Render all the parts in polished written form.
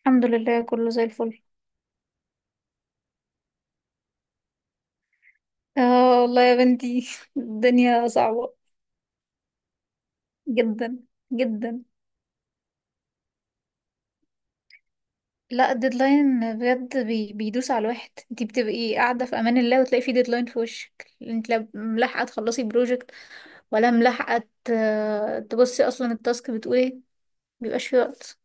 الحمد لله كله زي الفل. اه والله يا بنتي الدنيا صعبة جدا جدا. لا الديدلاين بجد بيدوس على الواحد، انتي بتبقي قاعدة في امان الله وتلاقي في ديدلاين في وشك، انت لا ملاحقة تخلصي بروجكت ولا ملاحقة. تبصي اصلا التاسك بتقول ايه، مبيبقاش في وقت.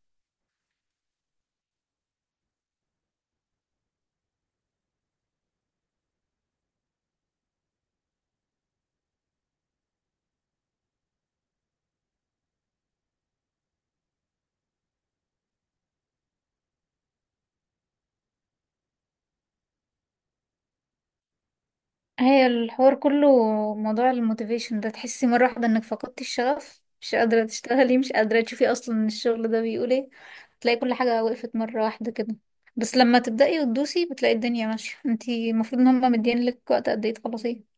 هي الحوار كله موضوع الموتيفيشن ده، تحسي مرة واحدة انك فقدتي الشغف، مش قادرة تشتغلي، مش قادرة تشوفي اصلا الشغل ده بيقول ايه. تلاقي كل حاجة وقفت مرة واحدة كده. بس لما تبدأي وتدوسي بتلاقي الدنيا ماشية. انتي المفروض ان هما مدين لك وقت قد ايه تخلصيه؟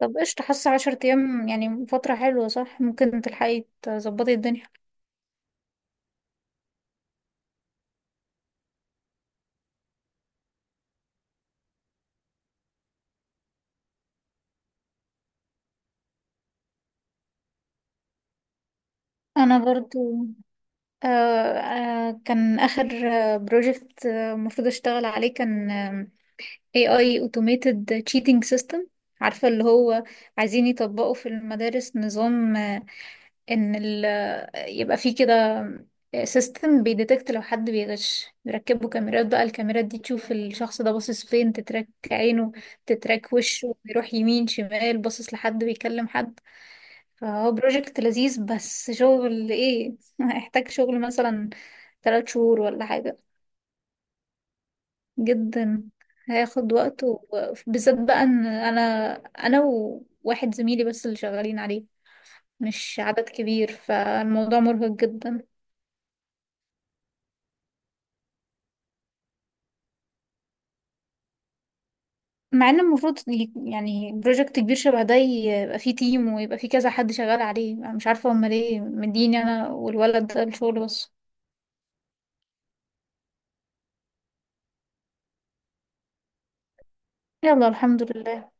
طب قشطة، حاسة عشر ايام يعني فترة حلوة صح، ممكن تلحقي تظبطي الدنيا. انا برضو آه كان اخر بروجكت المفروض اشتغل عليه كان AI automated cheating system، عارفة اللي هو، عايزين يطبقوا في المدارس نظام ان ال آه، يبقى فيه كده سيستم بيديتكت لو حد بيغش، يركبوا كاميرات بقى الكاميرات دي تشوف الشخص ده باصص فين، تتراك عينه، تتراك وشه بيروح يمين شمال، باصص لحد، بيكلم حد. فهو بروجكت لذيذ بس شغل ايه هيحتاج شغل مثلا ثلاث شهور ولا حاجة. جدا. هياخد وقت، وبالذات بقى ان انا وواحد زميلي بس اللي شغالين عليه، مش عدد كبير، فالموضوع مرهق جدا. مع ان المفروض يعني بروجكت كبير شبه ده يبقى فيه تيم ويبقى فيه كذا حد شغال عليه. انا مش عارفه هما ليه مديني انا والولد ده الشغل بس. يلا الحمد لله.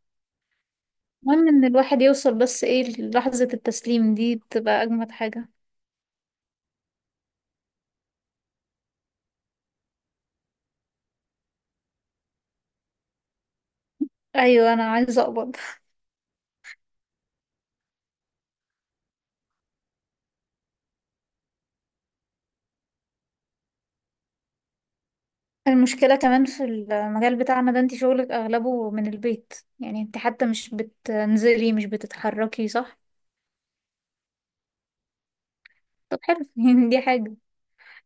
المهم ان الواحد يوصل، بس ايه، للحظة التسليم دي بتبقى اجمد حاجه. ايوه انا عايزه اقبض. المشكلة كمان في المجال بتاعنا ده، انت شغلك اغلبه من البيت، يعني انت حتى مش بتنزلي، مش بتتحركي صح. طب حلو يعني دي حاجة.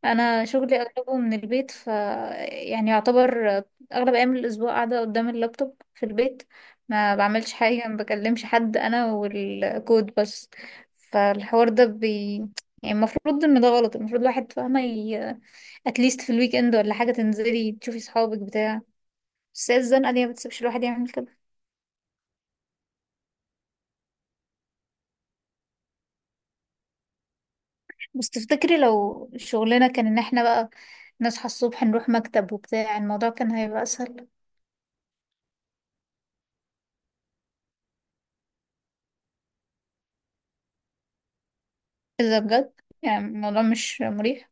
انا شغلي اغلبه من البيت، يعني يعتبر اغلب ايام الاسبوع قاعدة قدام اللابتوب في البيت، ما بعملش حاجة، ما بكلمش حد، انا والكود بس. فالحوار ده يعني المفروض ان ده غلط، المفروض الواحد فاهمة اتليست في الويك اند ولا حاجة تنزلي تشوفي صحابك بتاع. بس هي الزنقة دي ما بتسيبش الواحد يعمل كده. بس تفتكري لو شغلنا كان ان احنا بقى نصحى الصبح نروح مكتب وبتاع، الموضوع كان هيبقى اسهل. اذا بجد يعني الموضوع مش مريح.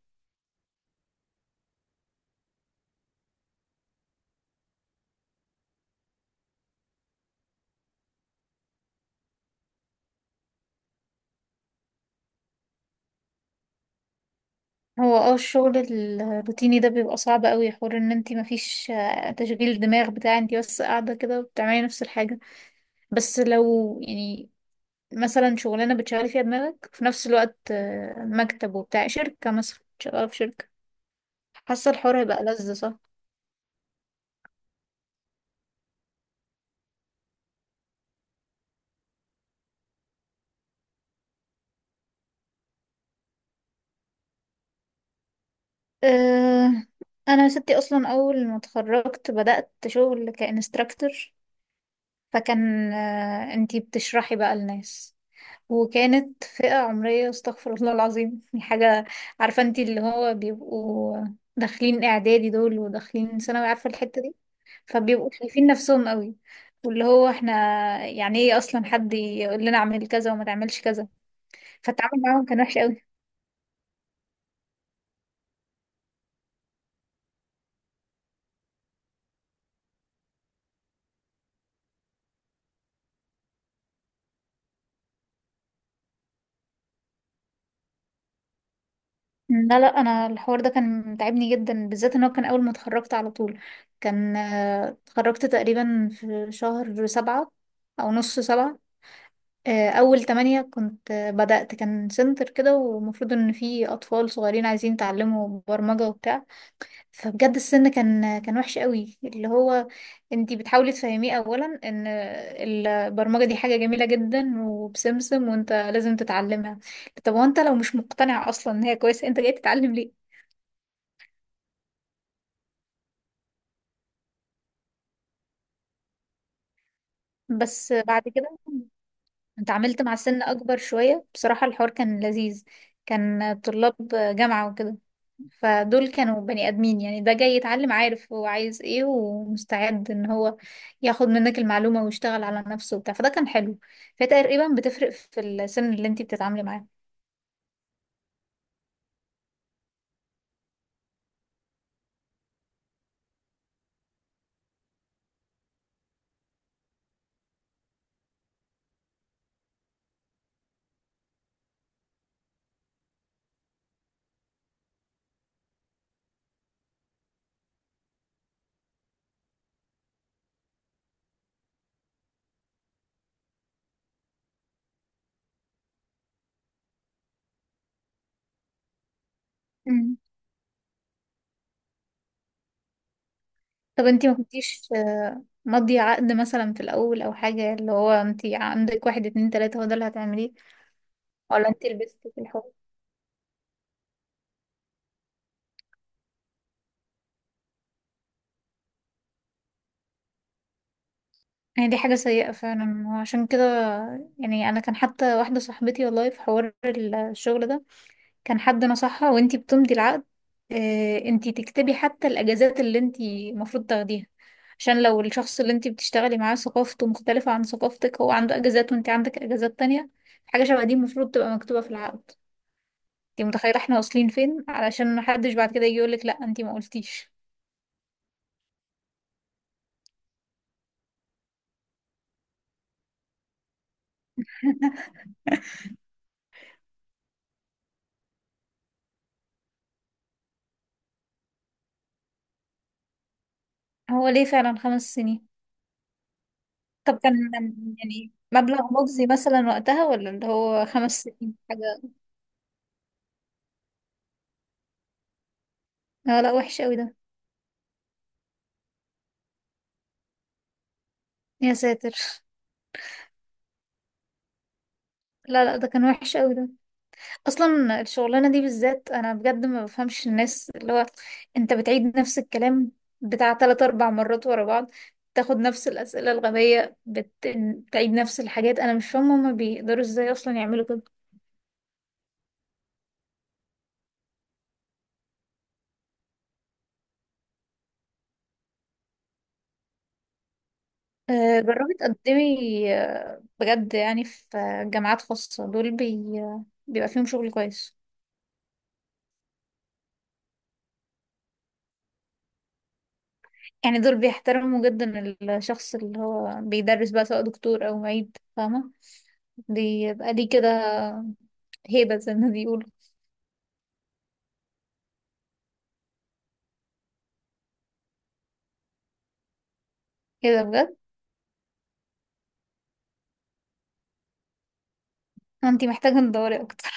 هو الشغل الروتيني ده بيبقى صعب قوي، حوار ان انتي مفيش تشغيل دماغ بتاع، انتي بس قاعدة كده بتعملي نفس الحاجة. بس لو يعني مثلا شغلانة بتشغلي فيها دماغك في نفس الوقت مكتب وبتاع، شركة مثلا، شغالة في شركة، حاسة الحوار هيبقى لذ صح. أه، انا ستي اصلا اول ما اتخرجت بدأت شغل كإنستراكتور، فكان أه انتي بتشرحي بقى للناس، وكانت فئة عمرية استغفر الله العظيم يعني، حاجة، عارفة انتي اللي هو، بيبقوا داخلين اعدادي دول وداخلين ثانوي، عارفة الحتة دي. فبيبقوا شايفين نفسهم قوي، واللي هو احنا يعني ايه اصلا حد يقول لنا اعمل كذا وما تعملش كذا. فالتعامل معاهم كان وحش. لا لا انا الحوار ده كان متعبني جدا، بالذات ان هو كان اول ما اتخرجت على طول. كان اتخرجت تقريبا في شهر سبعة او نص سبعة. اول تمانية كنت بدأت، كان سنتر كده ومفروض ان في اطفال صغيرين عايزين يتعلموا برمجة وبتاع. فبجد السن كان وحش قوي، اللي هو انتي بتحاولي تفهميه اولا ان البرمجة دي حاجة جميلة جدا وبسمسم وانت لازم تتعلمها. طب وانت لو مش مقتنع اصلا ان هي كويسة انت جاي تتعلم ليه؟ بس بعد كده اتعاملت مع سن اكبر شوية، بصراحة الحوار كان لذيذ، كان طلاب جامعة وكده. فدول كانوا بني ادمين، يعني ده جاي يتعلم، عارف هو عايز ايه، ومستعد ان هو ياخد منك المعلومة ويشتغل على نفسه وبتاع. فده كان حلو. فهي تقريبا بتفرق في السن اللي انتي بتتعاملي معاه. مم. طب انتي ما كنتيش مضي عقد مثلا في الاول او حاجة، اللي هو انتي عندك واحد اتنين تلاتة هو ده اللي هتعمليه؟ ولا انتي لبستي في الحوار؟ يعني دي حاجة سيئة فعلا. وعشان كده يعني أنا كان حتى واحدة صاحبتي والله، في حوار الشغل ده كان حد نصحها وانتي بتمضي العقد اه انتي تكتبي حتى الأجازات اللي انتي المفروض تاخديها. عشان لو الشخص اللي انتي بتشتغلي معاه ثقافته مختلفة عن ثقافتك، هو عنده أجازات وانتي عندك أجازات تانية. حاجة شبه دي المفروض تبقى مكتوبة في العقد. انتي متخيلة احنا واصلين فين علشان محدش بعد كده يجي يقولك لأ انتي ما قلتيش. هو ليه فعلا خمس سنين؟ طب كان يعني مبلغ مجزي مثلا وقتها، ولا اللي هو خمس سنين حاجة؟ لا لا وحش قوي ده. يا ساتر. لا لا ده كان وحش قوي ده. اصلا الشغلانة دي بالذات انا بجد ما بفهمش الناس، اللي هو انت بتعيد نفس الكلام بتاع تلات اربع مرات ورا بعض، تاخد نفس الأسئلة الغبية بتعيد نفس الحاجات. أنا مش فاهمة هما بيقدروا ازاي أصلا يعملوا كده. أه جربي تقدمي بجد، يعني في جامعات خاصة دول بيبقى فيهم شغل كويس. يعني دول بيحترموا جدا الشخص اللي هو بيدرس بقى، سواء دكتور او معيد، فاهمة، بيبقى ليه كده هيبة زي ما بيقولوا. كده بجد؟ انتي محتاجة تدوري اكتر.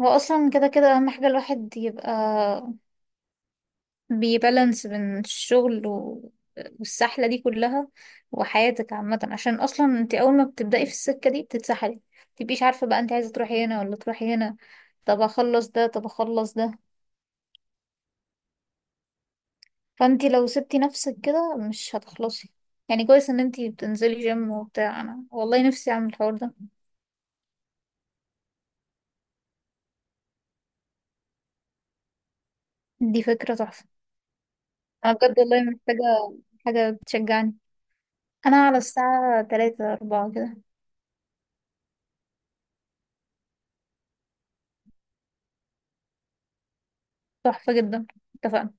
هو اصلا كده كده اهم حاجة الواحد يبقى بيبالانس بين الشغل و... والسحلة دي كلها وحياتك عامة، عشان اصلا انتي اول ما بتبدأي في السكة دي بتتسحلي، متبقيش عارفة بقى انتي عايزة تروحي هنا ولا تروحي هنا، طب اخلص ده طب اخلص ده. فانتي لو سبتي نفسك كده مش هتخلصي. يعني كويس ان انتي بتنزلي جيم وبتاع، انا والله نفسي اعمل الحوار ده. دي فكرة تحفة. انا بجد والله محتاجة حاجة تشجعني. انا على الساعة 3 4 كده. تحفة جدا، اتفقنا.